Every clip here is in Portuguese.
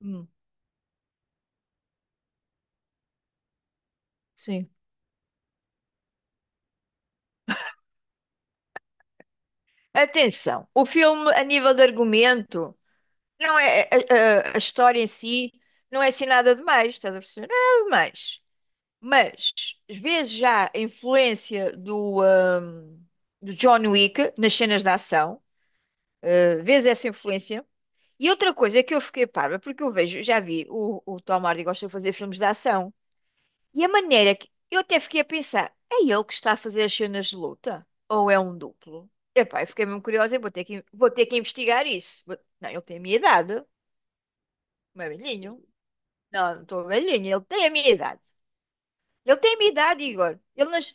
Hum, sim. Atenção, o filme, a nível de argumento, não é a história em si não é assim nada demais, estás a perceber? Nada demais. Mas vês já a influência do John Wick nas cenas de ação, ah, vês essa influência. E outra coisa que eu fiquei parva, porque eu vejo, já vi, o Tom Hardy gosta de fazer filmes de ação. E a maneira que eu até fiquei a pensar, é ele que está a fazer as cenas de luta? Ou é um duplo? Epá, eu fiquei mesmo curiosa, eu vou ter que investigar isso. Não, ele tem a minha idade, não é velhinho. Não, não estou velhinho, ele tem a minha idade. Ele tem a minha idade, Igor. Ele nas.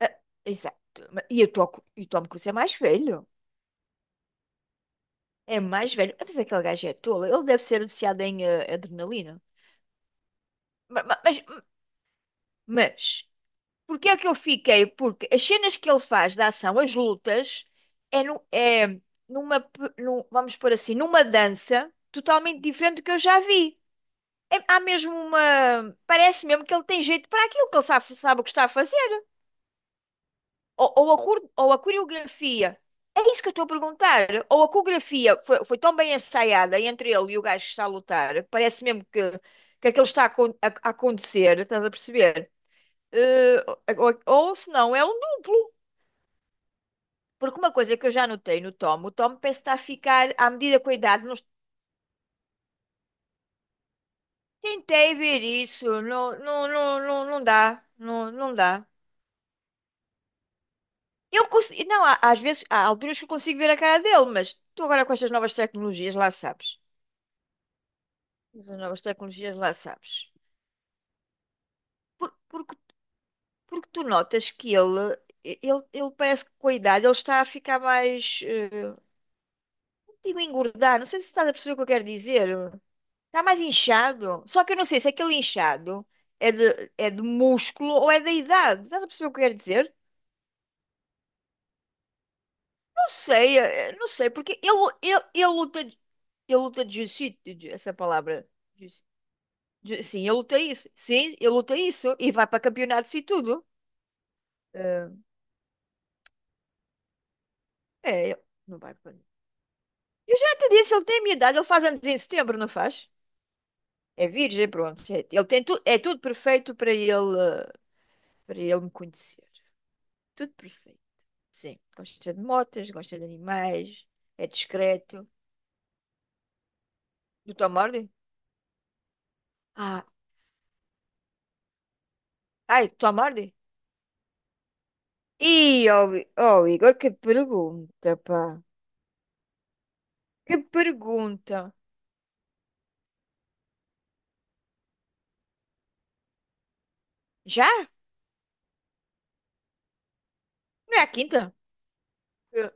Ah, exato. E eu estou e o Tom Cruise é mais velho. É mais velho. Mas aquele gajo é tolo. Ele deve ser viciado em adrenalina. Ma- ma- Mas, mas, Porque é que eu fiquei? Porque as cenas que ele faz da ação, as lutas, é numa, vamos pôr assim, numa dança totalmente diferente do que eu já vi. Há mesmo uma. Parece mesmo que ele tem jeito para aquilo, que ele sabe o que está a fazer. Ou a coreografia. É isso que eu estou a perguntar. Ou a coreografia foi tão bem ensaiada entre ele e o gajo que está a lutar, que parece mesmo que aquilo está a acontecer, estás a perceber? Eh, ou se não, é um duplo. Porque uma coisa que eu já notei no Tom, o Tom parece que está a ficar, à medida com a idade, não est- tentei ver isso, não, não, não, não, não dá, não, não dá. Eu consigo, não, às vezes, há alturas que eu consigo ver a cara dele, mas tu agora com estas novas tecnologias, lá sabes. Essas novas tecnologias, lá sabes. Por- porque, porque tu notas que ele, ele parece que com a idade ele está a ficar mais, não digo engordar, não sei se estás a perceber o que eu quero dizer. Tá mais inchado? Só que eu não sei se aquele inchado é de músculo ou é da idade. Estás a perceber o que eu quero dizer? Não sei, não sei, porque ele, ele luta de jiu-jitsu, essa palavra. Jiu- Sim, ele luta isso. Sim, ele luta isso e vai para campeonatos e tudo. Eh, ele não vai para. Eu já te disse, ele tem a minha idade, ele faz anos em setembro, não faz? É virgem, pronto. Ele tem tu, é tudo perfeito para ele, eh, para ele me conhecer. Tudo perfeito. Sim, gosta de motas, gosta de animais, é discreto. Do Tom Hardy? Ah, ai, Tom Hardy? Ih, oh, Igor, que pergunta, pá. Que pergunta. Já? Não é a quinta? Eh,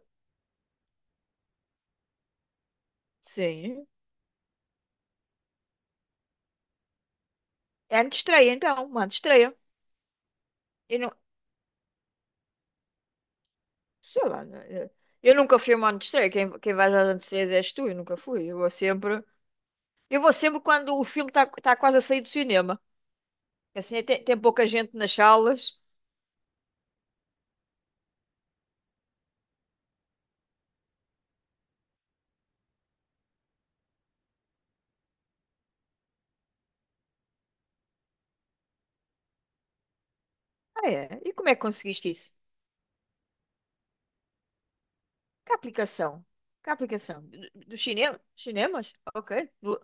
Sim. É antes de estreia, então. Uma antes de estreia. Eu não. Sei lá. Eu nunca fui a uma antes de estreia. Quem vai às antes de estreias és tu. Eu nunca fui. Eu vou sempre quando o filme está quase a sair do cinema. Assim, tem pouca gente nas salas. Ah, é? E como é que conseguiste isso? Que aplicação? Que aplicação? Dos cinema? Cinemas? Ok. Do-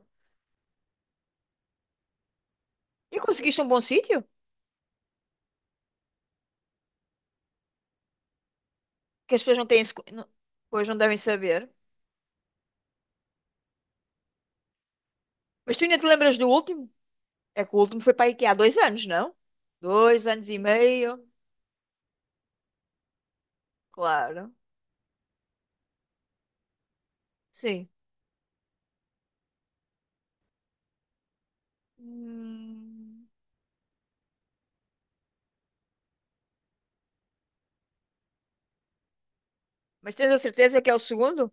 E conseguiste um bom sítio? Que as pessoas não têm. Esse co- não- Pois não devem saber. Mas tu ainda te lembras do último? É que o último foi para a IKEA há 2 anos, não? 2 anos e meio. Claro. Sim. Hum. Mas tens a certeza que é o segundo?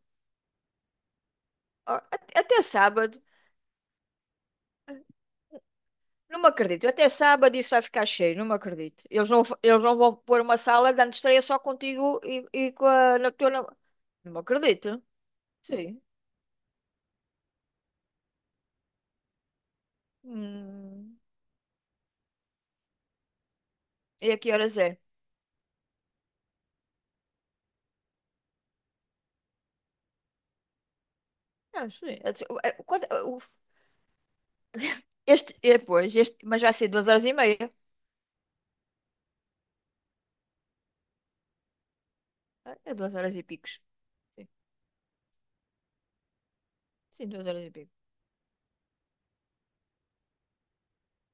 Ah, Até sábado. Não me acredito. Até sábado isso vai ficar cheio. Não me acredito. Eles não vão pôr uma sala de antestreia só contigo e, com a na tua. Não me acredito. Sim. Hum. E a que horas é? Ah, sim. Eu disse, é, Este, mas vai ser 2 horas e meia. Ah, É 2 horas e picos. Sim, sim, 2 horas e pico.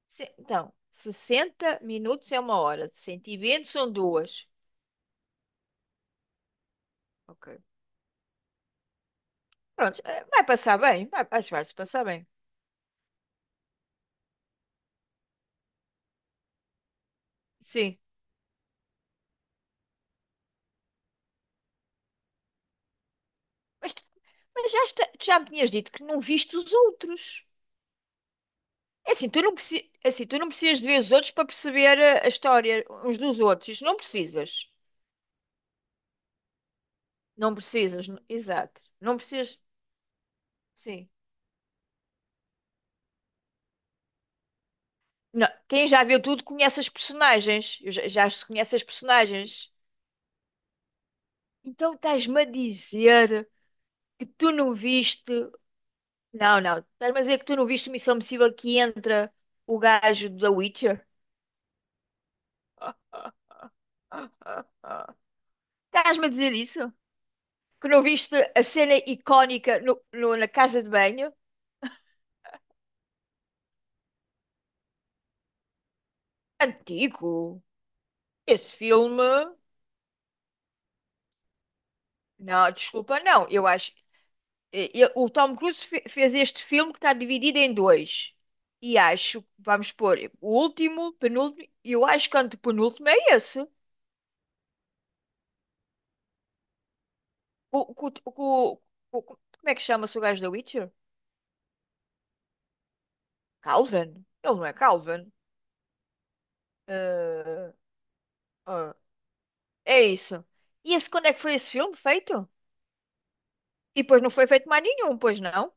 Sim, então, 60 minutos é 1 hora. 120 são duas. Ok. Pronto, vai passar bem. Vai, acho que vai se passar bem. Sim. Mas, tu- mas já, tu já me tinhas dito que não viste os outros. É assim, tu não precisas de ver os outros para perceber a história uns dos outros. Isso não precisas. Não precisas, exato. Não precisas, sim. Não, quem já viu tudo conhece as personagens. Eu já se conhece as personagens. Então estás-me a dizer que tu não viste. Não, não. Estás-me a dizer que tu não viste Missão Impossível que entra o gajo da Witcher? Estás-me a dizer isso? Que não viste a cena icónica no, na casa de banho? Antigo. Esse filme. Não, desculpa, não. Eu acho. O Tom Cruise fez este filme que está dividido em dois. E acho, vamos pôr, o último, penúltimo, e eu acho que o antepenúltimo é esse. O, o, o- Como é que chama-se o gajo da Witcher? Calvin. Ele não é Calvin. Eh, ah, É isso. E esse, quando é que foi esse filme feito? E depois não foi feito mais nenhum, pois não?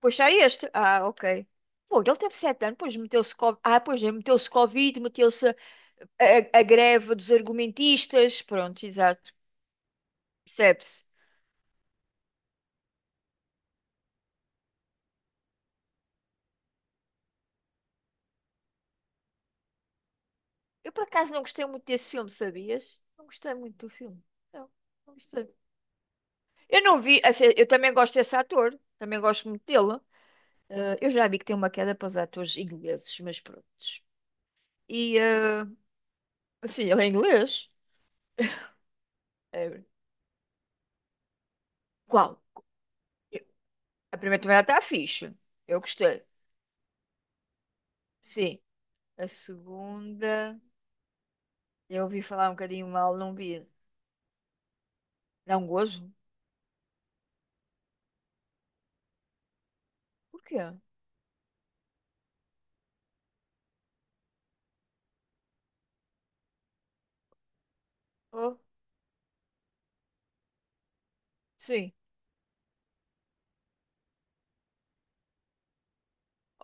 Puxei este. Ah, ok. Pô, ele teve 7 anos, pois meteu-se co- ah, pois é, meteu-se Covid, meteu-se a greve dos argumentistas. Pronto, exato. Percebe-se. Eu por acaso não gostei muito desse filme, sabias? Não gostei muito do filme. Não, não gostei. Eu não vi, assim, eu também gosto desse ator, também gosto muito dele. Ah, eu já vi que tem uma queda para os atores ingleses, mas pronto. E assim, ele é inglês. É, qual? Eu- A primeira temporada está fixe. Eu gostei. Sim. A segunda, eu ouvi falar um bocadinho mal, não vi. Dá um gozo? Por quê? Oh, sim.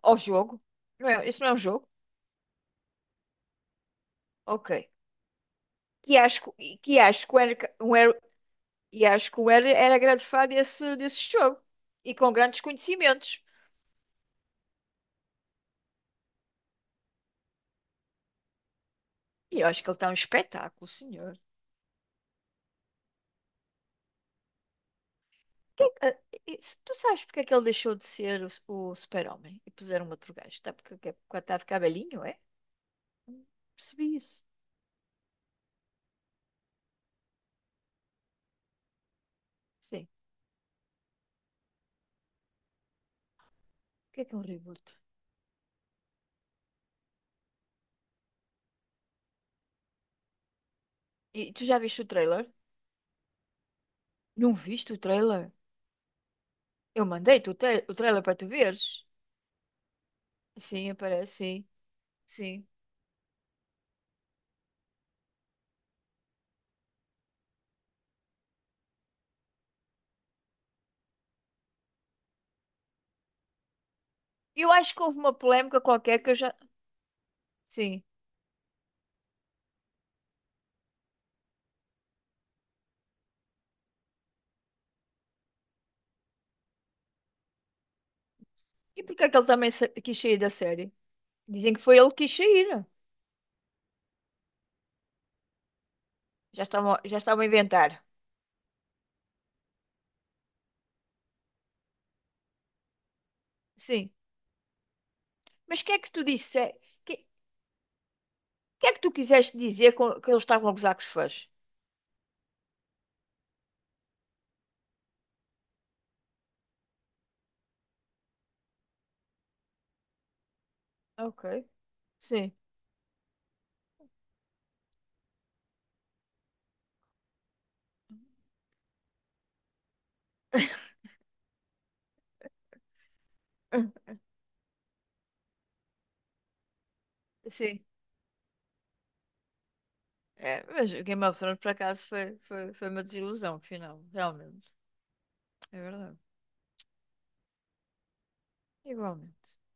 Ao jogo? Não é, isso não é um jogo? Ok. Que acho que o Eric- E acho que o Eric era grande fã desse jogo. E com grandes conhecimentos. E eu acho que ele está um espetáculo, senhor. E se tu sabes porque é que ele deixou de ser o super-homem e puseram um outro gajo? Está porque está a ficar velhinho, é? Hum, Percebi isso. Sim. O que é um reboot? E tu já viste o trailer? Não viste o trailer? Eu mandei-te o trailer para tu veres. Sim, aparece, sim, sim. Eu acho que houve uma polémica qualquer que eu já. Sim. E porquê é que ele também quis sair da série? Dizem que foi ele que quis sair. Já estavam a inventar. Sim. Mas o que é que tu disse? O que, que é que tu quiseste dizer com, que eles estavam a gozar com os fãs? Ok. Sim. Sim. É, mas o Game of Thrones, por acaso, foi uma desilusão, final. Realmente. É verdade. Igualmente.